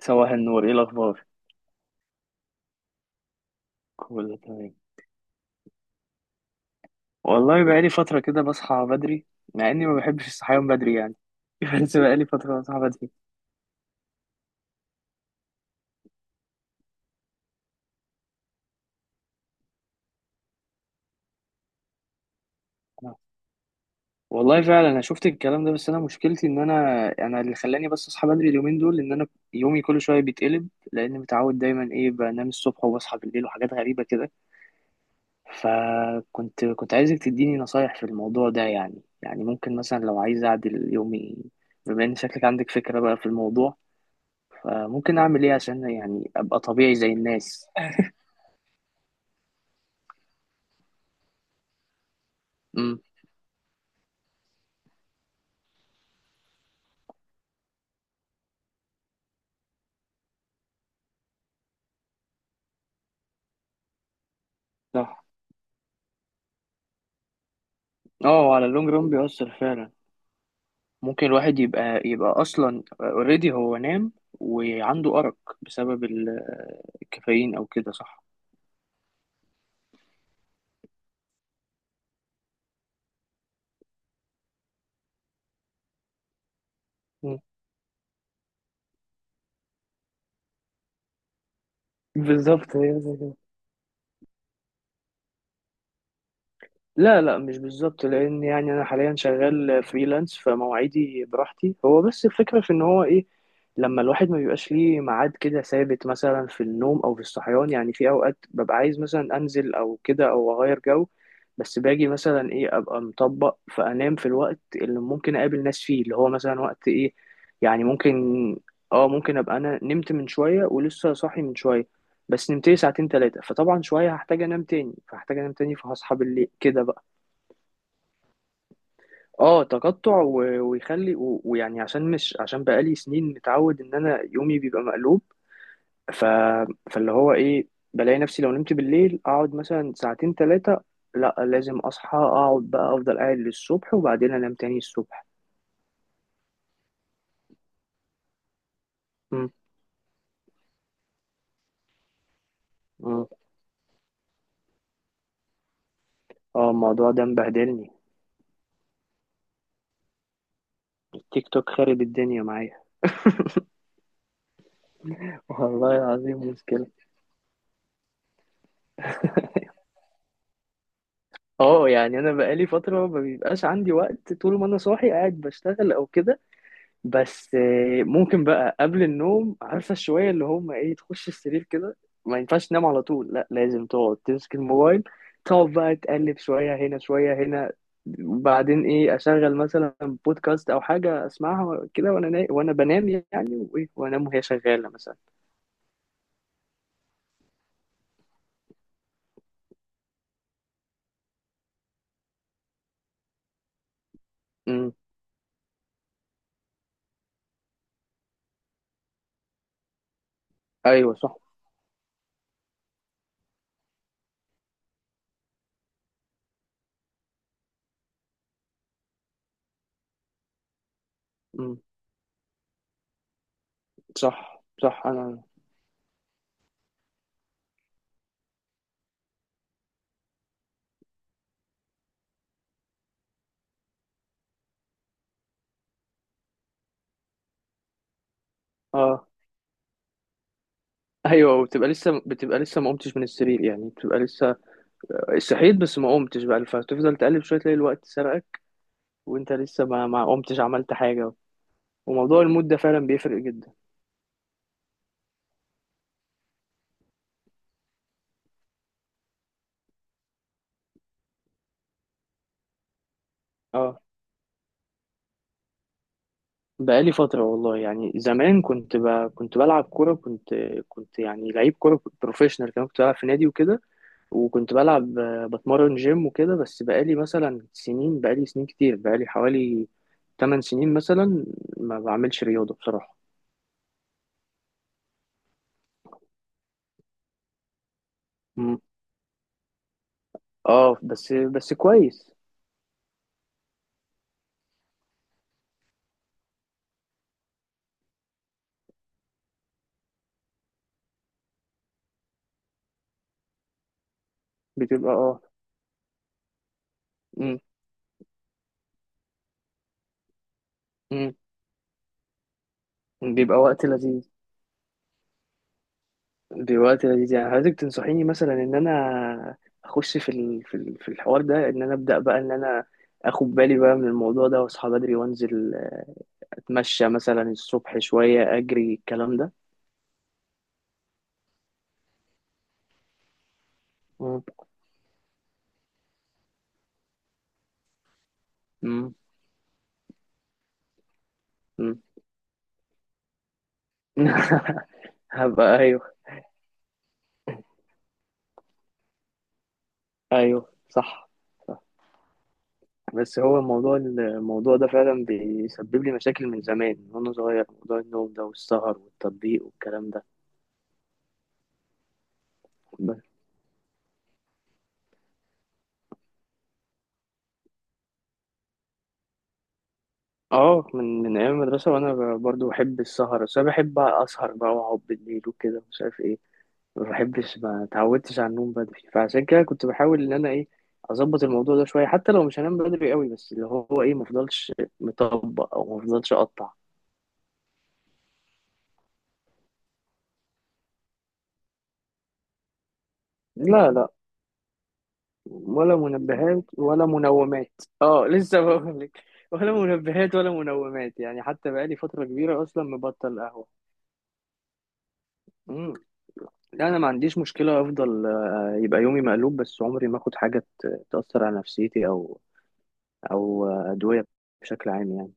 صباح النور، ايه الاخبار؟ كله تمام. والله بقالي فتره كده بصحى بدري، مع اني ما بحبش الصحيان بدري يعني. بس بقالي فتره بصحى بدري. والله فعلا انا شفت الكلام ده، بس انا مشكلتي ان انا اللي خلاني، بس اصحى بدري اليومين دول ان انا يومي كل شويه بيتقلب، لان متعود دايما ايه بنام الصبح وبصحى بالليل وحاجات غريبه كده. فكنت كنت عايزك تديني نصايح في الموضوع ده. يعني ممكن مثلا لو عايز اعدل يومي، بما ان شكلك عندك فكره بقى في الموضوع، فممكن اعمل ايه عشان يعني ابقى طبيعي زي الناس؟ امم. صح. اه، وعلى اللونج رون بيأثر فعلا. ممكن الواحد يبقى اصلا اوريدي هو نام وعنده أرق بسبب الكافيين او كده، صح؟ مم. بالظبط هي. لا، لا، مش بالظبط. لان يعني انا حاليا شغال فريلانس فمواعيدي براحتي، هو بس الفكره في ان هو ايه، لما الواحد ما بيبقاش ليه ميعاد كده ثابت، مثلا في النوم او في الصحيان، يعني في اوقات ببقى عايز مثلا انزل او كده او اغير جو، بس باجي مثلا ايه ابقى مطبق فانام في الوقت اللي ممكن اقابل ناس فيه، اللي هو مثلا وقت ايه. يعني ممكن. اه، ممكن ابقى انا نمت من شويه ولسه صاحي من شويه، بس نمت لي ساعتين ثلاثه، فطبعا شويه هحتاج انام تاني فهصحى بالليل كده بقى. اه، تقطع ويخلي ويعني عشان مش عشان بقالي سنين متعود ان انا يومي بيبقى مقلوب. ف... فاللي هو ايه، بلاقي نفسي لو نمت بالليل اقعد مثلا ساعتين ثلاثة. لا، لازم اصحى اقعد بقى افضل قاعد للصبح، وبعدين انام تاني الصبح. م- م. اه، الموضوع ده مبهدلني. التيك توك خارب الدنيا معايا. والله العظيم مشكلة. اه، يعني انا بقالي فترة ما بيبقاش عندي وقت طول ما انا صاحي قاعد بشتغل او كده، بس ممكن بقى قبل النوم عارفة شوية اللي هم ايه، تخش السرير كده، ما ينفعش تنام على طول، لا لازم تقعد تمسك الموبايل، تقعد بقى تقلب شوية هنا شوية هنا، وبعدين ايه اشغل مثلا بودكاست او حاجة اسمعها كده وانا وانا بنام يعني، وايه وانام وهي شغالة مثلا. امم. ايوه، صح. امم. صح، صح، انا. اه، ايوه، وبتبقى لسه بتبقى لسه ما قمتش من السرير يعني، بتبقى لسه صحيت بس ما قمتش بقى، فتفضل تقلب شويه تلاقي الوقت سرقك وانت لسه ما قمتش عملت حاجة. وموضوع المود ده فعلا بيفرق جدا. اه، بقالي فترة والله. يعني زمان كنت بلعب كورة، كنت يعني لعيب كورة، كنت بروفيشنال كمان، كنت بلعب في نادي وكده، وكنت بلعب بتمرن جيم وكده. بس بقالي مثلا سنين، بقالي سنين كتير، بقالي حوالي 8 سنين مثلا ما بعملش رياضة بصراحة. مم. اه، بس كويس. بتبقى اه. مم. مم. بيبقى وقت لذيذ. دلوقتي لذيذ. يعني عايزك تنصحيني مثلا ان انا اخش في الحوار ده ان انا ابدا بقى ان انا اخد بالي بقى من الموضوع ده واصحى بدري وانزل اتمشى مثلا الصبح شويه، اجري، الكلام ده. مم. مم. مم. هبقى ايوه. ايوه، صح. بس هو الموضوع ده فعلا بيسبب لي مشاكل من زمان، من وانا صغير، موضوع النوم ده والسهر والتطبيق والكلام ده. اه، من ايام المدرسه وانا برضو بحب السهر، بس انا بحب اسهر بقى واقعد بالليل وكده مش عارف ايه. ما بحبش، ما اتعودتش على النوم بدري، فعشان كده كنت بحاول ان انا ايه اظبط الموضوع ده شويه، حتى لو مش هنام بدري قوي، بس اللي هو ايه ما افضلش مطبق او ما افضلش اقطع. لا، لا، ولا منبهات ولا منومات. اه، لسه بقول لك، ولا منبهات ولا منومات، يعني حتى بقالي فتره كبيره اصلا مبطل قهوه. لا انا ما عنديش مشكله افضل يبقى يومي مقلوب، بس عمري ما اخد حاجه تاثر على نفسيتي او ادويه بشكل عام يعني.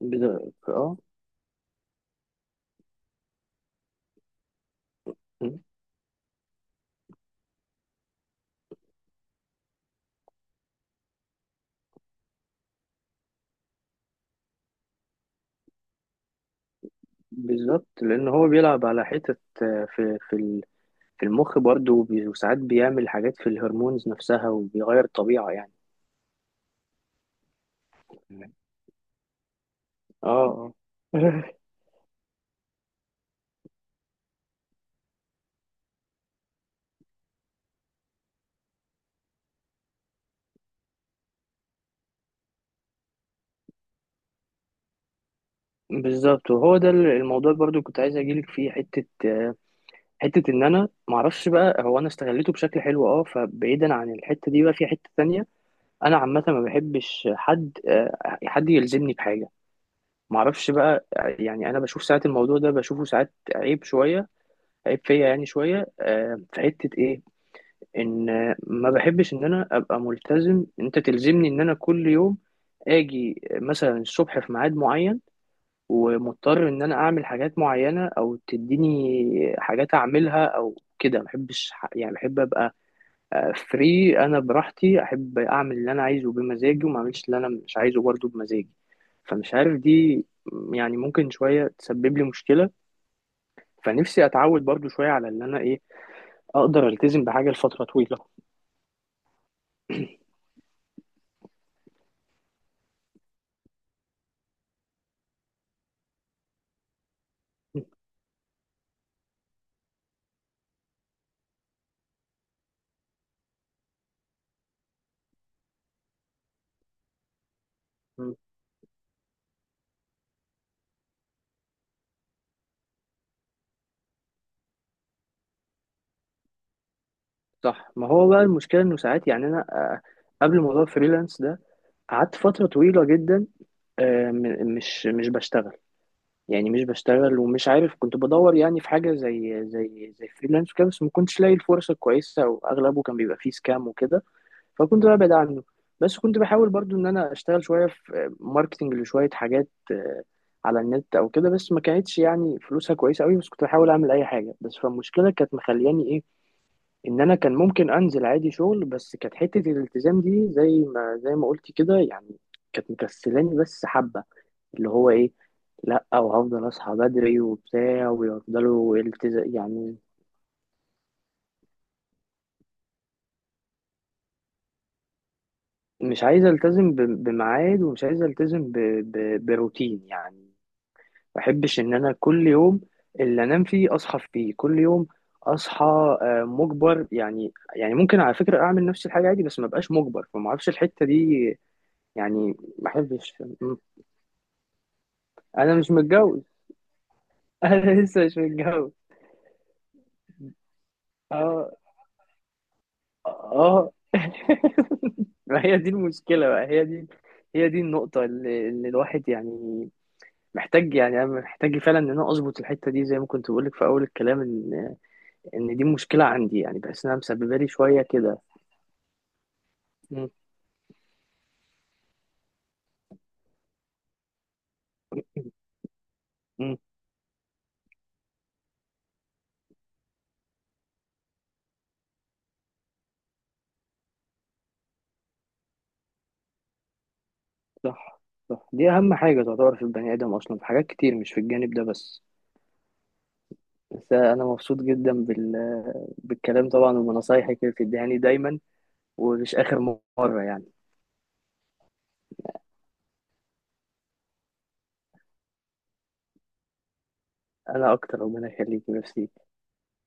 اه. م، بالظبط لان هو بيلعب على حتت في المخ برضه وبي- وساعات بيعمل حاجات في الهرمونز نفسها وبيغير الطبيعه يعني. اه، اه. بالظبط. وهو ده الموضوع برضو كنت عايز اجيلك فيه حته ان انا معرفش بقى هو انا استغليته بشكل حلو. اه، فبعيدا عن الحته دي بقى في حته تانية. انا عامه ما بحبش حد يلزمني بحاجه، ما اعرفش بقى، يعني انا بشوف ساعات الموضوع ده، بشوفه ساعات عيب شويه، عيب فيا يعني شويه، في حته ايه، ان ما بحبش ان انا ابقى ملتزم، انت تلزمني ان انا كل يوم اجي مثلا الصبح في ميعاد معين، ومضطر ان انا اعمل حاجات معينه او تديني حاجات اعملها او كده، ما بحبش يعني بحب ابقى فري، انا براحتي، احب اعمل اللي انا عايزه بمزاجي وما اعملش اللي انا مش عايزه برضه بمزاجي، فمش عارف دي. يعني ممكن شويه تسبب لي مشكله، فنفسي اتعود برضه شويه على اللي انا ايه، اقدر التزم بحاجه لفتره طويله. مم. صح، ما هو بقى المشكله انه ساعات، يعني انا قبل موضوع الفريلانس ده قعدت فتره طويله جدا، مش بشتغل. يعني مش بشتغل ومش عارف، كنت بدور يعني في حاجه زي فريلانس وكده، بس ما كنتش لاقي الفرصه كويسه، واغلبه كان بيبقى فيه سكام وكده فكنت ببعد عنه. بس كنت بحاول برضو ان انا اشتغل شويه في ماركتنج لشويه حاجات على النت او كده، بس ما كانتش يعني فلوسها كويسه قوي، بس كنت بحاول اعمل اي حاجه. بس فالمشكله كانت مخلياني ايه، ان انا كان ممكن انزل عادي شغل، بس كانت حته الالتزام دي زي ما قلت كده، يعني كانت مكسلاني بس حبه، اللي هو ايه، لا وهفضل اصحى بدري وبتاع ويفضلوا التزام يعني. مش عايز التزم بميعاد ومش عايز التزم بروتين يعني. ما بحبش ان انا كل يوم اللي انام فيه اصحى فيه كل يوم اصحى مجبر يعني. يعني ممكن على فكرة اعمل نفس الحاجة عادي بس ما بقاش مجبر، فما اعرفش الحتة دي. يعني ما بحبش. م. انا مش متجوز. انا لسه مش متجوز. اه، اه. ما هي دي المشكلة بقى. هي دي النقطة اللي الواحد يعني محتاج، يعني أنا محتاج فعلا إن أنا أظبط الحتة دي، زي ما كنت بقولك في أول الكلام، إن دي مشكلة عندي يعني، بحس إنها مسببة لي شوية كده. مم. صح، صح، دي أهم حاجة تعتبر في البني آدم أصلا، في حاجات كتير مش في الجانب ده بس. بس أنا مبسوط جدا بالكلام طبعا، وبنصايحك اللي بتديهاني دايما، ومش آخر مرة يعني. أنا أكتر، ربنا يخليك، ميرسي.